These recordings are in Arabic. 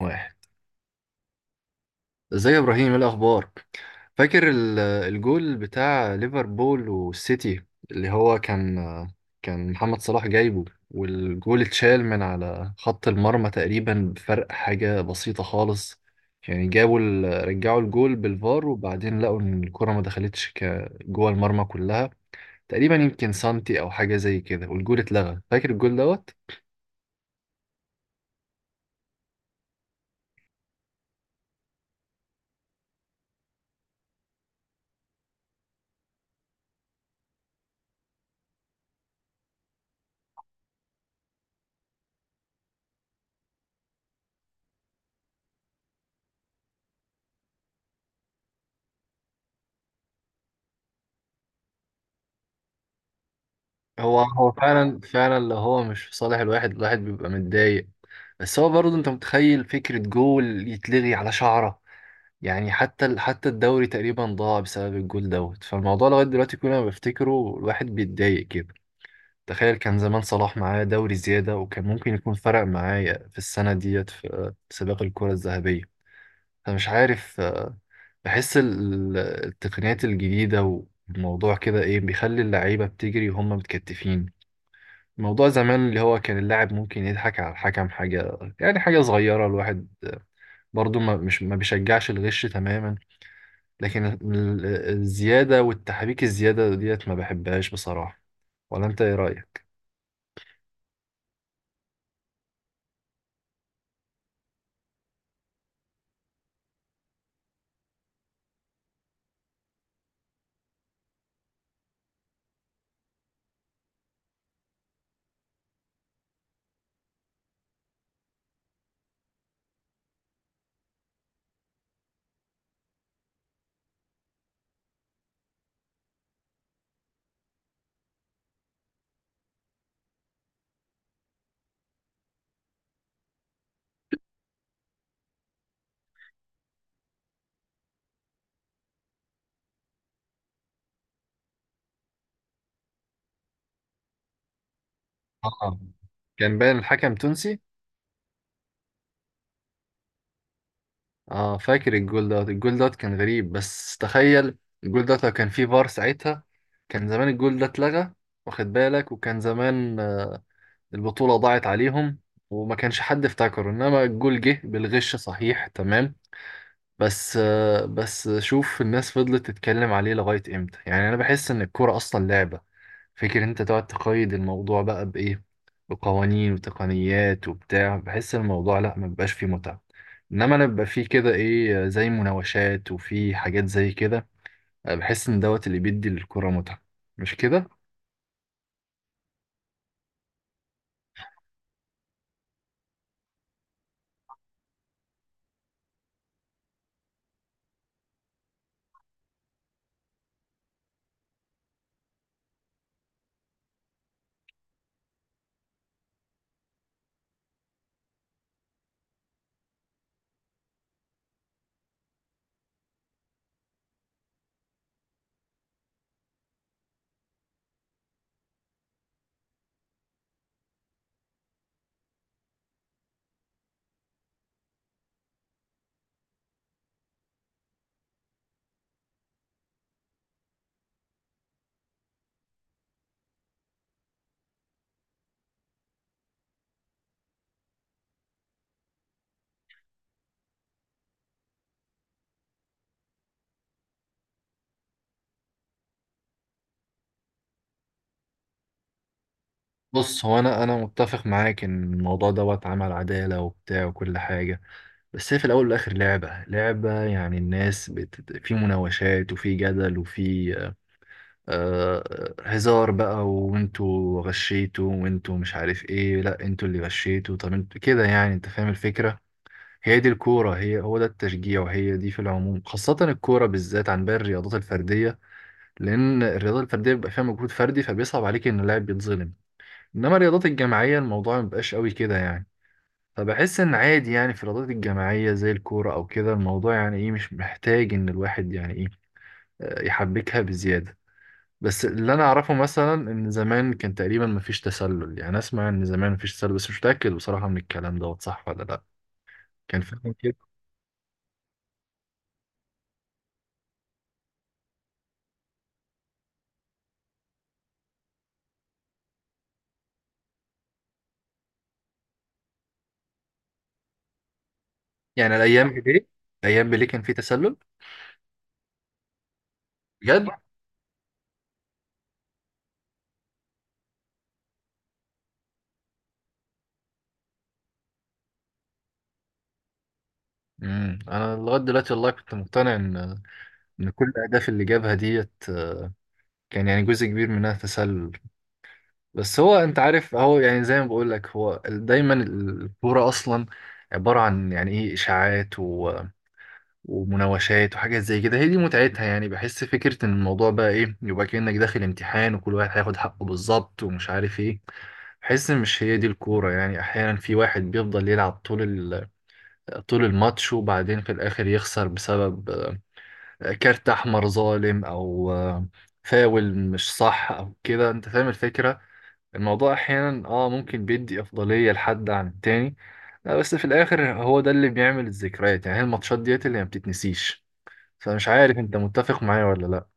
واحد. ازيك يا ابراهيم، ايه الاخبار؟ فاكر الجول بتاع ليفربول والسيتي اللي هو كان محمد صلاح جايبه، والجول اتشال من على خط المرمى تقريبا بفرق حاجة بسيطة خالص. يعني جابوا رجعوا الجول بالفار، وبعدين لقوا ان الكرة ما دخلتش جوه المرمى كلها تقريبا، يمكن سنتي او حاجة زي كده، والجول اتلغى. فاكر الجول دوت. هو فعلا فعلا، لو هو مش في صالح الواحد بيبقى متضايق. بس هو برضه، انت متخيل فكرة جول يتلغي على شعرة؟ يعني حتى الدوري تقريبا ضاع بسبب الجول دوت، فالموضوع لغاية دلوقتي كل ما بفتكره الواحد بيتضايق كده. تخيل كان زمان صلاح معاه دوري زيادة، وكان ممكن يكون فرق معايا في السنة ديت في سباق الكرة الذهبية. فمش عارف بحس التقنيات الجديدة والموضوع كده ايه بيخلي اللعيبة بتجري وهم متكتفين. موضوع زمان اللي هو كان اللاعب ممكن يضحك على الحكم حاجة، يعني حاجة صغيرة، الواحد برضو ما بيشجعش الغش تماما، لكن الزيادة والتحريك الزيادة ديت ما بحبهاش بصراحة. ولا انت ايه رأيك؟ اه، كان باين الحكم تونسي. اه، فاكر الجول دوت. الجول دوت كان غريب، بس تخيل الجول دوت لو كان فيه فار ساعتها كان زمان الجول ده اتلغى، واخد بالك. وكان زمان البطولة ضاعت عليهم، وما كانش حد افتكره، انما الجول جه بالغش، صحيح تمام. بس بس شوف الناس فضلت تتكلم عليه لغاية امتى؟ يعني انا بحس ان الكورة اصلا لعبة. فكر انت تقعد تقيد الموضوع بقى بايه، بقوانين وتقنيات وبتاع، بحس الموضوع لا ما بيبقاش فيه متعة. انما انا بيبقى فيه كده ايه زي مناوشات وفي حاجات زي كده، بحس ان دوت اللي بيدي للكورة متعة. مش كده؟ بص، هو انا متفق معاك ان الموضوع دوت عمل عدالة وبتاع وكل حاجة، بس هي في الأول والآخر لعبة لعبة، يعني الناس في مناوشات وفي جدل وفي آه... هزار بقى، وانتوا غشيتوا وانتوا مش عارف ايه، لا انتوا اللي غشيتوا، طب انتوا كده، يعني انت فاهم الفكرة. هي دي الكورة، هي هو ده التشجيع، وهي دي في العموم خاصة الكورة بالذات عن باقي الرياضات الفردية، لأن الرياضة الفردية بيبقى فيها مجهود فردي، فبيصعب عليك إن اللاعب بيتظلم. إنما الرياضات الجماعية الموضوع مبيبقاش قوي كده يعني. فبحس ان عادي، يعني في الرياضات الجماعيه زي الكوره او كده الموضوع يعني ايه مش محتاج ان الواحد يعني ايه يحبكها بزياده. بس اللي انا اعرفه مثلا ان زمان كان تقريبا مفيش تسلل، يعني اسمع ان زمان مفيش تسلل، بس مش متاكد بصراحه من الكلام دوت صح ولا لا. كان فعلا كده؟ يعني الايام بليه، الايام بليه كان في تسلل؟ بجد؟ انا لغايه دلوقتي والله كنت مقتنع ان كل الاهداف اللي جابها ديت كان يعني جزء كبير منها تسلل. بس هو انت عارف، هو يعني زي ما بقول لك، هو دايما الكوره اصلا عباره عن يعني ايه اشاعات ومناوشات وحاجات زي كده، هي دي متعتها. يعني بحس فكره ان الموضوع بقى ايه، يبقى كانك داخل امتحان وكل واحد هياخد حقه بالظبط ومش عارف ايه، بحس ان مش هي دي الكوره. يعني احيانا في واحد بيفضل يلعب طول طول الماتش، وبعدين في الاخر يخسر بسبب كارت احمر ظالم او فاول مش صح او كده، انت فاهم الفكره. الموضوع احيانا ممكن بيدي افضليه لحد عن التاني. لا، بس في الاخر هو ده اللي بيعمل الذكريات، يعني هي الماتشات ديت اللي ما بتتنسيش. فمش عارف انت متفق معايا ولا لا.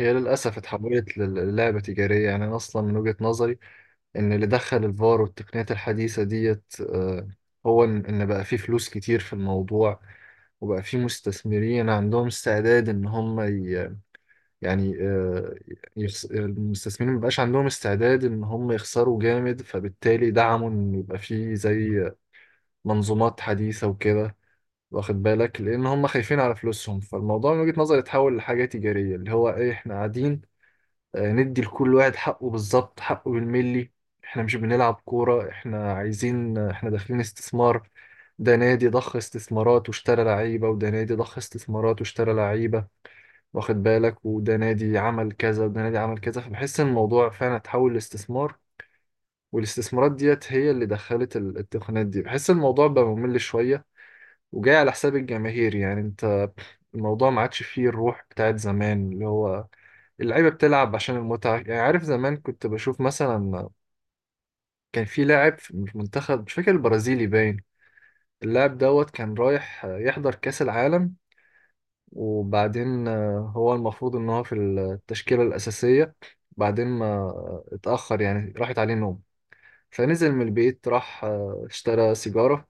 هي للاسف اتحولت للعبه تجاريه، يعني انا اصلا من وجهه نظري ان اللي دخل الفار والتقنيات الحديثه ديت هو ان بقى فيه فلوس كتير في الموضوع، وبقى فيه مستثمرين عندهم استعداد ان هم، يعني المستثمرين مبقاش عندهم استعداد ان هم يخسروا جامد، فبالتالي دعموا ان يبقى فيه زي منظومات حديثة وكده، واخد بالك، لان هم خايفين على فلوسهم. فالموضوع من وجهة نظري اتحول لحاجة تجارية، اللي هو ايه، احنا قاعدين ندي لكل واحد حقه بالظبط، حقه بالملي. احنا مش بنلعب كورة، احنا عايزين، احنا داخلين استثمار. ده نادي ضخ استثمارات واشترى لعيبة، وده نادي ضخ استثمارات واشترى لعيبة، واخد بالك، وده نادي عمل كذا وده نادي عمل كذا، فبحس ان الموضوع فعلا اتحول لاستثمار. والاستثمارات ديت هي اللي دخلت التقنيات دي، بحس الموضوع بقى ممل شوية وجاي على حساب الجماهير. يعني انت، الموضوع ما عادش فيه الروح بتاعت زمان، اللي هو اللعيبة بتلعب عشان المتعة. يعني عارف زمان كنت بشوف مثلا كان في لاعب في المنتخب، مش فاكر البرازيلي باين، اللاعب دوت كان رايح يحضر كأس العالم، وبعدين هو المفروض ان هو في التشكيلة الأساسية، بعدين ما اتأخر، يعني راحت عليه نوم، فنزل من البيت راح اشترى سيجارة،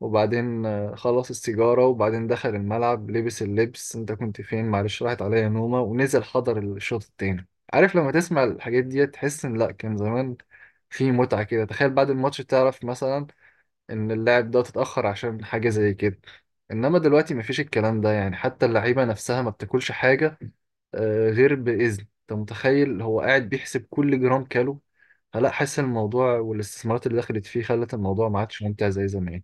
وبعدين خلص السيجارة وبعدين دخل الملعب لبس اللبس، انت كنت فين؟ معلش راحت عليا نومة، ونزل حضر الشوط التاني. عارف لما تسمع الحاجات دي تحس ان لا، كان زمان في متعة كده. تخيل بعد الماتش تعرف مثلا ان اللاعب ده تتأخر عشان حاجة زي كده، انما دلوقتي مفيش الكلام ده يعني. حتى اللعيبة نفسها ما بتاكلش حاجة غير بإذن. انت متخيل هو قاعد بيحسب كل جرام كالو؟ فلا، حاسس الموضوع والاستثمارات اللي دخلت فيه خلت الموضوع ما عادش ممتع زي زمان.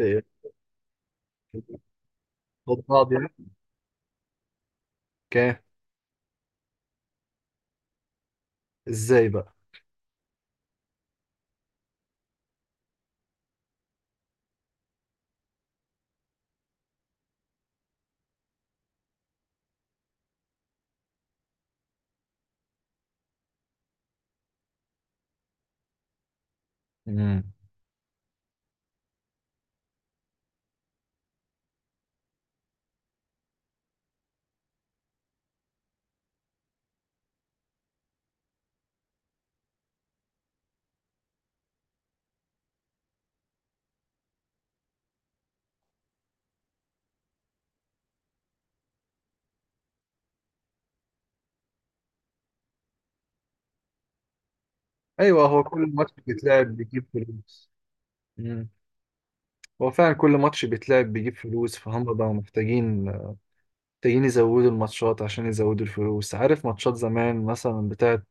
إيه، خد بعض يعني. كام؟ ازاي بقى؟ مم. ايوه، هو كل ماتش بيتلعب بيجيب فلوس. مم. هو فعلا كل ماتش بيتلعب بيجيب فلوس، فهم بقوا محتاجين يزودوا الماتشات عشان يزودوا الفلوس. عارف ماتشات زمان مثلا بتاعت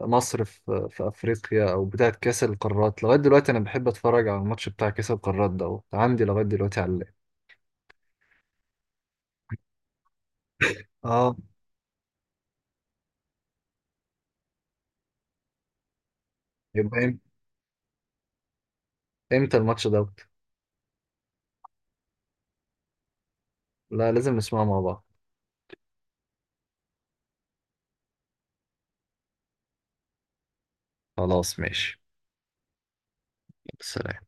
مصر في أفريقيا، أو بتاعت كأس القارات، لغاية دلوقتي أنا بحب أتفرج على الماتش بتاع كأس القارات دوت، عندي لغاية دلوقتي على اللاب. اه. يبقى إمتى الماتش دوت؟ لا، لازم نسمعه مع بعض. خلاص، ماشي. سلام.